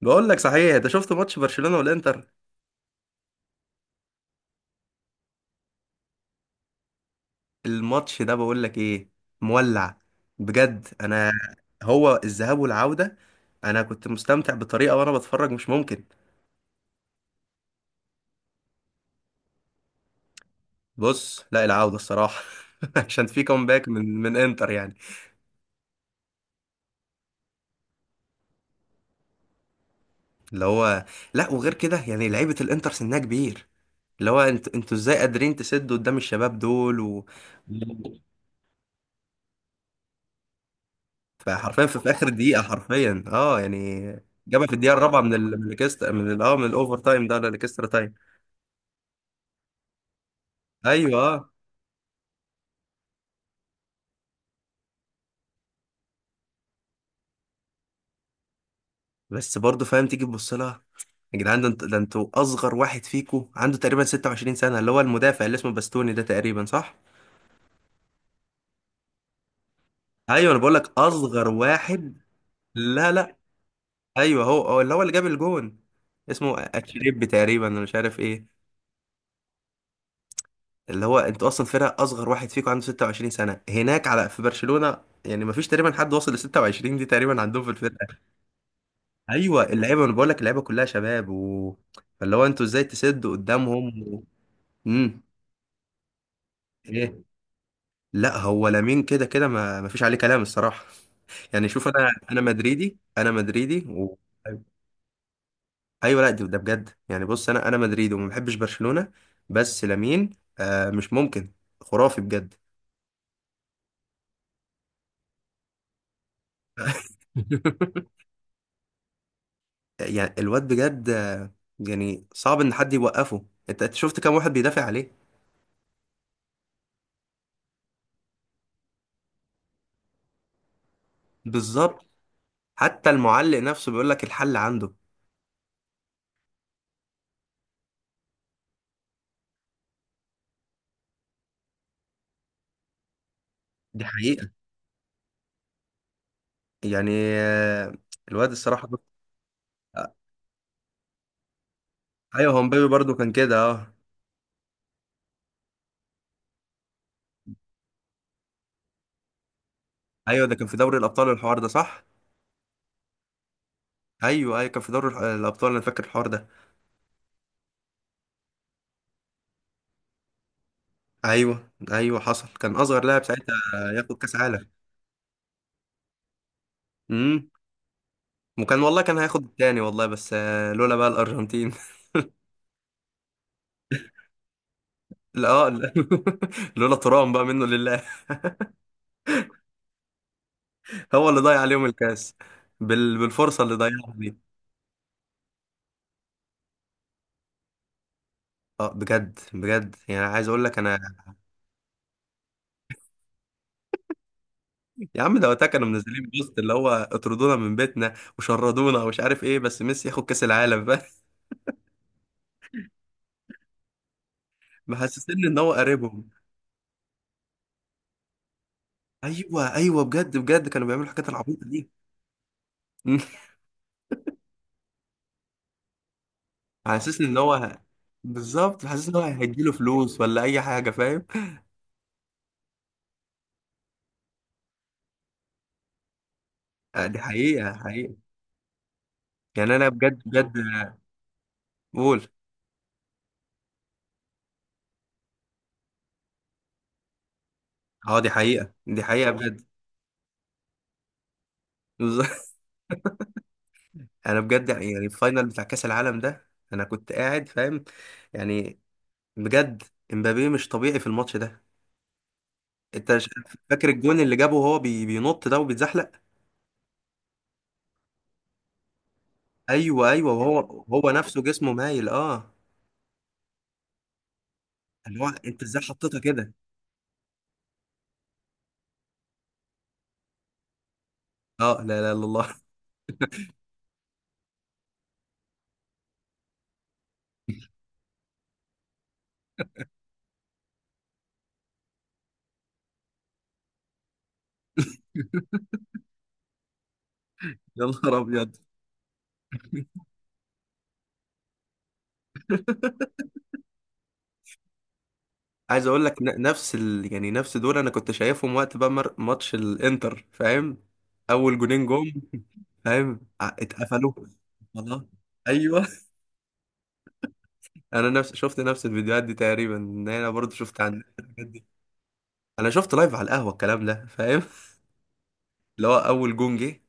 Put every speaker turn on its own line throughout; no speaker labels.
بقول لك، صحيح انت شفت ماتش برشلونة والانتر؟ الماتش ده بقول لك ايه. مولع بجد انا. هو الذهاب والعودة، انا كنت مستمتع بطريقة وانا بتفرج، مش ممكن. بص، لا، العودة الصراحة. عشان في كومباك من انتر يعني. اللي هو، لا، وغير كده يعني لعيبة الانتر سنها كبير. اللي هو انتوا ازاي قادرين تسدوا قدام الشباب دول و... فحرفيا في اخر دقيقه، حرفيا، يعني. جابها في الدقيقه الرابعه من الاكسترا، من ال... اه من الاوفر تايم ده ولا الاكسترا تايم؟ ايوه، آه. بس برضه فاهم، تيجي تبص لها. يا جدعان، ده انتوا اصغر واحد فيكم عنده تقريبا 26 سنه، اللي هو المدافع اللي اسمه باستوني ده، تقريبا صح؟ ايوه انا بقول لك اصغر واحد. لا لا. ايوه، هو اللي هو اللي جاب الجون. اسمه اتشريب تقريبا، انا مش عارف ايه. اللي هو انتوا اصلا فرقه اصغر واحد فيكم عنده 26 سنه هناك على في برشلونه. يعني ما فيش تقريبا حد وصل ل 26 دي تقريبا عندهم في الفرقه. ايوه اللعيبه، انا بقول لك اللعيبه كلها شباب و... فاللي هو انتوا ازاي تسدوا قدامهم و... امم ايه. لا، هو لامين كده كده، ما فيش عليه كلام الصراحه. يعني شوف، انا مدريدي، انا مدريدي و... ايوه، لا، ده بجد يعني، بص انا مدريدي وما بحبش برشلونه. بس لامين، مش ممكن. خرافي بجد. يعني الواد بجد. يعني صعب ان حد يوقفه. انت شفت كام واحد بيدافع عليه؟ بالظبط. حتى المعلق نفسه بيقول لك الحل عنده. دي حقيقة. يعني آه، الواد الصراحة. آه، ايوه، هو مبابي برضه كان كده اه ايوه، ده كان في دوري الابطال الحوار ده، صح. ايوه ايوه، كان في دوري الابطال، انا فاكر الحوار ده. ايوه ايوه، حصل، كان اصغر لاعب ساعتها، ياخد كاس عالم. امم وكان والله كان هياخد التاني والله، بس، لولا بقى الارجنتين. لا، لا. لولا ترام بقى، منه لله. هو اللي ضيع عليهم الكاس. بالفرصه اللي ضيعها دي. اه بجد بجد، يعني عايز اقول لك انا. يا عم، ده وقتها كانوا منزلين بوست اللي هو اطردونا من بيتنا وشردونا ومش عارف ايه، بس ميسي ياخد كاس العالم. فاهم؟ محسسني ان هو قريبهم. ايوه ايوه، بجد بجد كانوا بيعملوا الحاجات العبيطه دي. حاسسني ان هو. بالظبط، حاسس ان هو هيديله فلوس ولا اي حاجه، فاهم. آه، دي حقيقه حقيقه. يعني انا بجد بجد. قول. اه، دي حقيقه دي حقيقه بجد. انا بجد، يعني الفاينل بتاع كاس العالم ده انا كنت قاعد فاهم. يعني. بجد. امبابي مش طبيعي في الماتش ده. انت مش- فاكر الجون اللي جابه، وهو بينط ده وبيتزحلق. ايوه ايوه، وهو نفسه جسمه مايل اه اللي هو انت ازاي حطيتها كده؟ اه، لا لا لا، الله. يا نهار ابيض. عايز اقول لك نفس يعني نفس دول، انا كنت شايفهم وقت بقى ماتش الانتر، فاهم. اول جونين جم. فاهم، اتقفلوا. والله. ايوه. انا نفس شفت نفس الفيديوهات دي تقريبا، ان انا برضو شفت عن الحاجات دي. انا شفت لايف على القهوه الكلام ده، فاهم. اللي هو اول جون جه.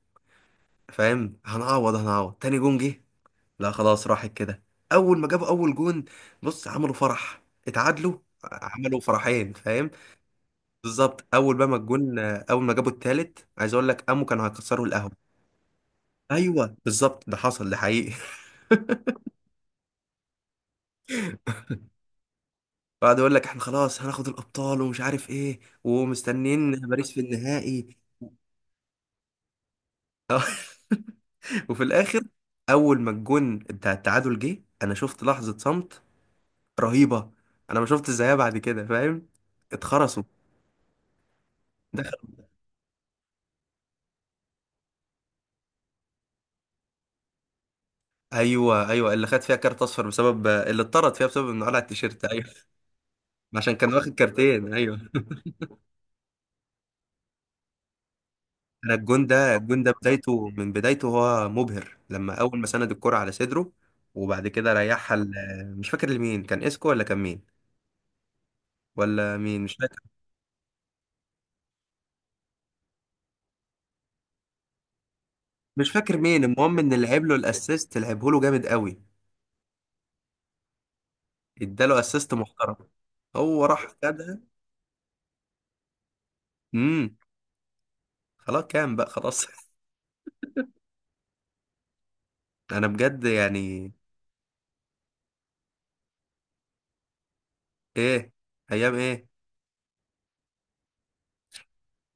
فاهم، هنعوض هنعوض، تاني جون جه. لا، خلاص، راحت كده. اول ما جابوا اول جون، بص عملوا فرح. اتعادلوا. عملوا فرحين، فاهم. بالظبط، اول بقى ما الجون، اول ما جابوا التالت، عايز اقول لك قاموا كانوا هيكسروا القهوه. ايوه بالظبط، ده حصل، ده حقيقي. بعد يقول لك احنا خلاص هناخد الابطال ومش عارف ايه، ومستنيين باريس في النهائي. وفي الاخر، اول ما الجون بتاع التعادل جه، انا شفت لحظة صمت رهيبة. انا ما شفت زيها بعد كده، فاهم. اتخرسوا. ده. ايوه ايوه، اللي خد فيها كارت اصفر بسبب اللي اتطرد فيها، بسبب انه قلع التيشيرت، ايوه. عشان كان واخد كارتين، ايوه. انا الجون ده بدايته من بدايته هو مبهر، لما اول ما سند الكرة على صدره وبعد كده ريحها. مش فاكر لمين، كان اسكو ولا كان مين، ولا مين مش فاكر. مش فاكر مين، المهم ان اللي لعب له الاسيست لعبه له جامد قوي. اداله اسيست محترم. هو راح خدها. امم خلاص كام بقى، خلاص. انا بجد يعني. ايه، ايام ايه؟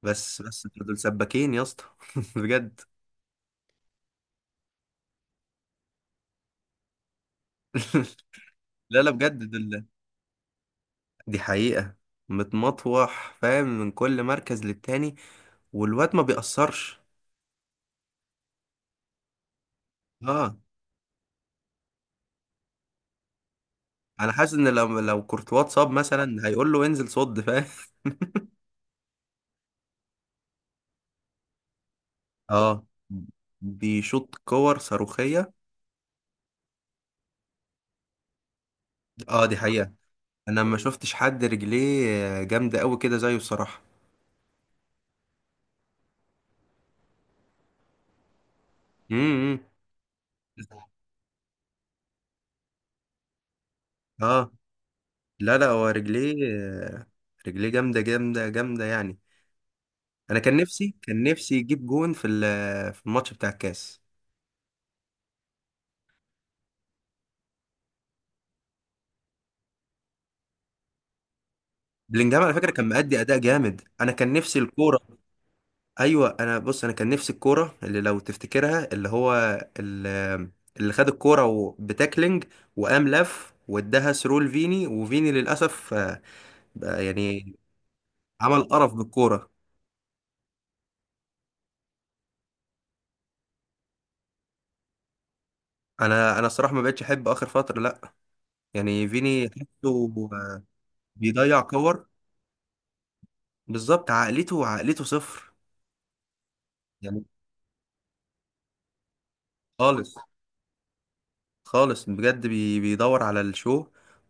بس انتوا دول سباكين يا اسطى. بجد. لا لا، بجد دول. دي حقيقة. متمطوح، فاهم، من كل مركز للتاني، والواد ما بيأثرش. اه. انا حاسس ان لو كورتوا اتصاب مثلا، هيقول له انزل صد، فاهم. اه، بيشوط كور صاروخية. اه، دي حقيقة. انا ما شفتش حد رجليه جامدة قوي كده زيه، الصراحة. امم اه، لا لا، هو رجليه. آه، رجليه جامده جامده جامده يعني. انا كان نفسي يجيب جون في الماتش بتاع الكاس. بلينجهام على فكره كان مأدي اداء جامد، انا كان نفسي الكوره. ايوه، انا بص، انا كان نفسي الكوره اللي لو تفتكرها اللي هو ال- اللي خد الكوره بتاكلينج، وقام لف واداها ثرو لفيني، وفيني للاسف. بقى يعني. عمل قرف بالكوره. انا الصراحه ما بقتش احب اخر فتره، لا. يعني فيني حسه بيضيع كور. بالظبط، عقليته عقليته صفر. يعني خالص، خالص بجد، بيدور على الشو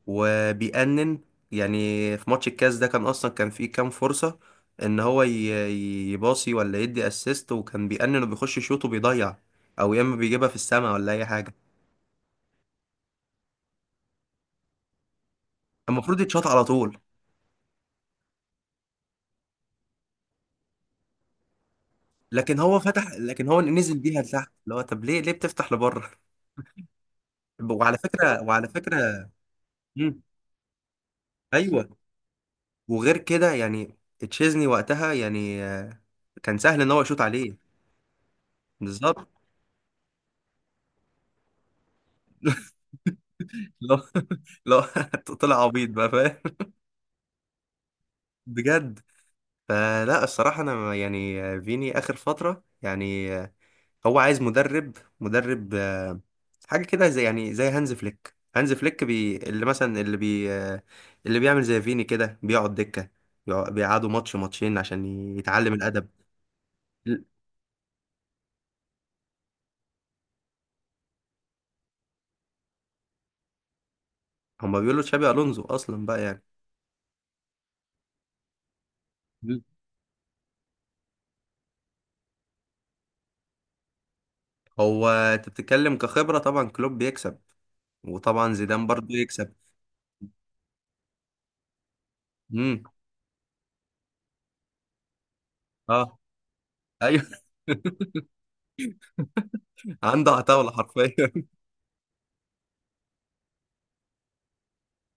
وبيأنن. يعني في ماتش الكاس ده كان اصلا كان فيه كام فرصة ان هو يباصي ولا يدي اسيست، وكان بيأنن وبيخش شوط وبيضيع، او يا اما بيجيبها في السماء ولا اي حاجة. المفروض يتشاط على طول. لكن هو نزل بيها لتحت، اللي هو طب ليه بتفتح لبره؟ وعلى فكرة. مم. ايوه. وغير كده يعني تشيزني وقتها يعني كان سهل ان هو يشوط عليه. بالظبط. لا لا، طلع عبيط بقى، فاهم. بجد. فلا الصراحه، انا يعني فيني اخر فتره يعني. هو عايز مدرب. حاجه كده زي يعني زي هانز فليك، اللي مثلا اللي بي آه، اللي بيعمل زي فيني كده بيقعد دكه، بيقعدوا ماتش ماتشين عشان يتعلم الادب ل- هما بيقولوا تشابي الونزو اصلا بقى يعني. م. هو انت بتتكلم كخبره، طبعا كلوب بيكسب وطبعا زيدان برضه يكسب. امم اه، ايوه. عنده عتاولة حرفيا.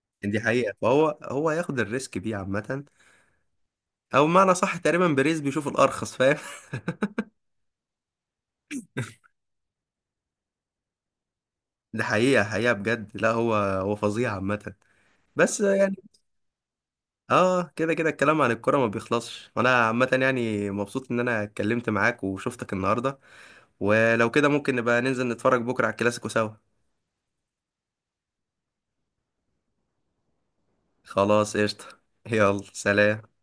دي حقيقة، فهو هياخد الريسك بيه عامة، او بمعنى صح تقريبا بريز بيشوف الارخص، فاهم. دي حقيقة حقيقة بجد، لا هو فظيع عامة. بس يعني اه، كده كده الكلام عن الكرة ما بيخلصش، وانا عامة يعني مبسوط ان انا اتكلمت معاك وشفتك النهاردة. ولو كده ممكن نبقى ننزل نتفرج بكرة على الكلاسيكو سوا. خلاص قشطة. يلا سلام.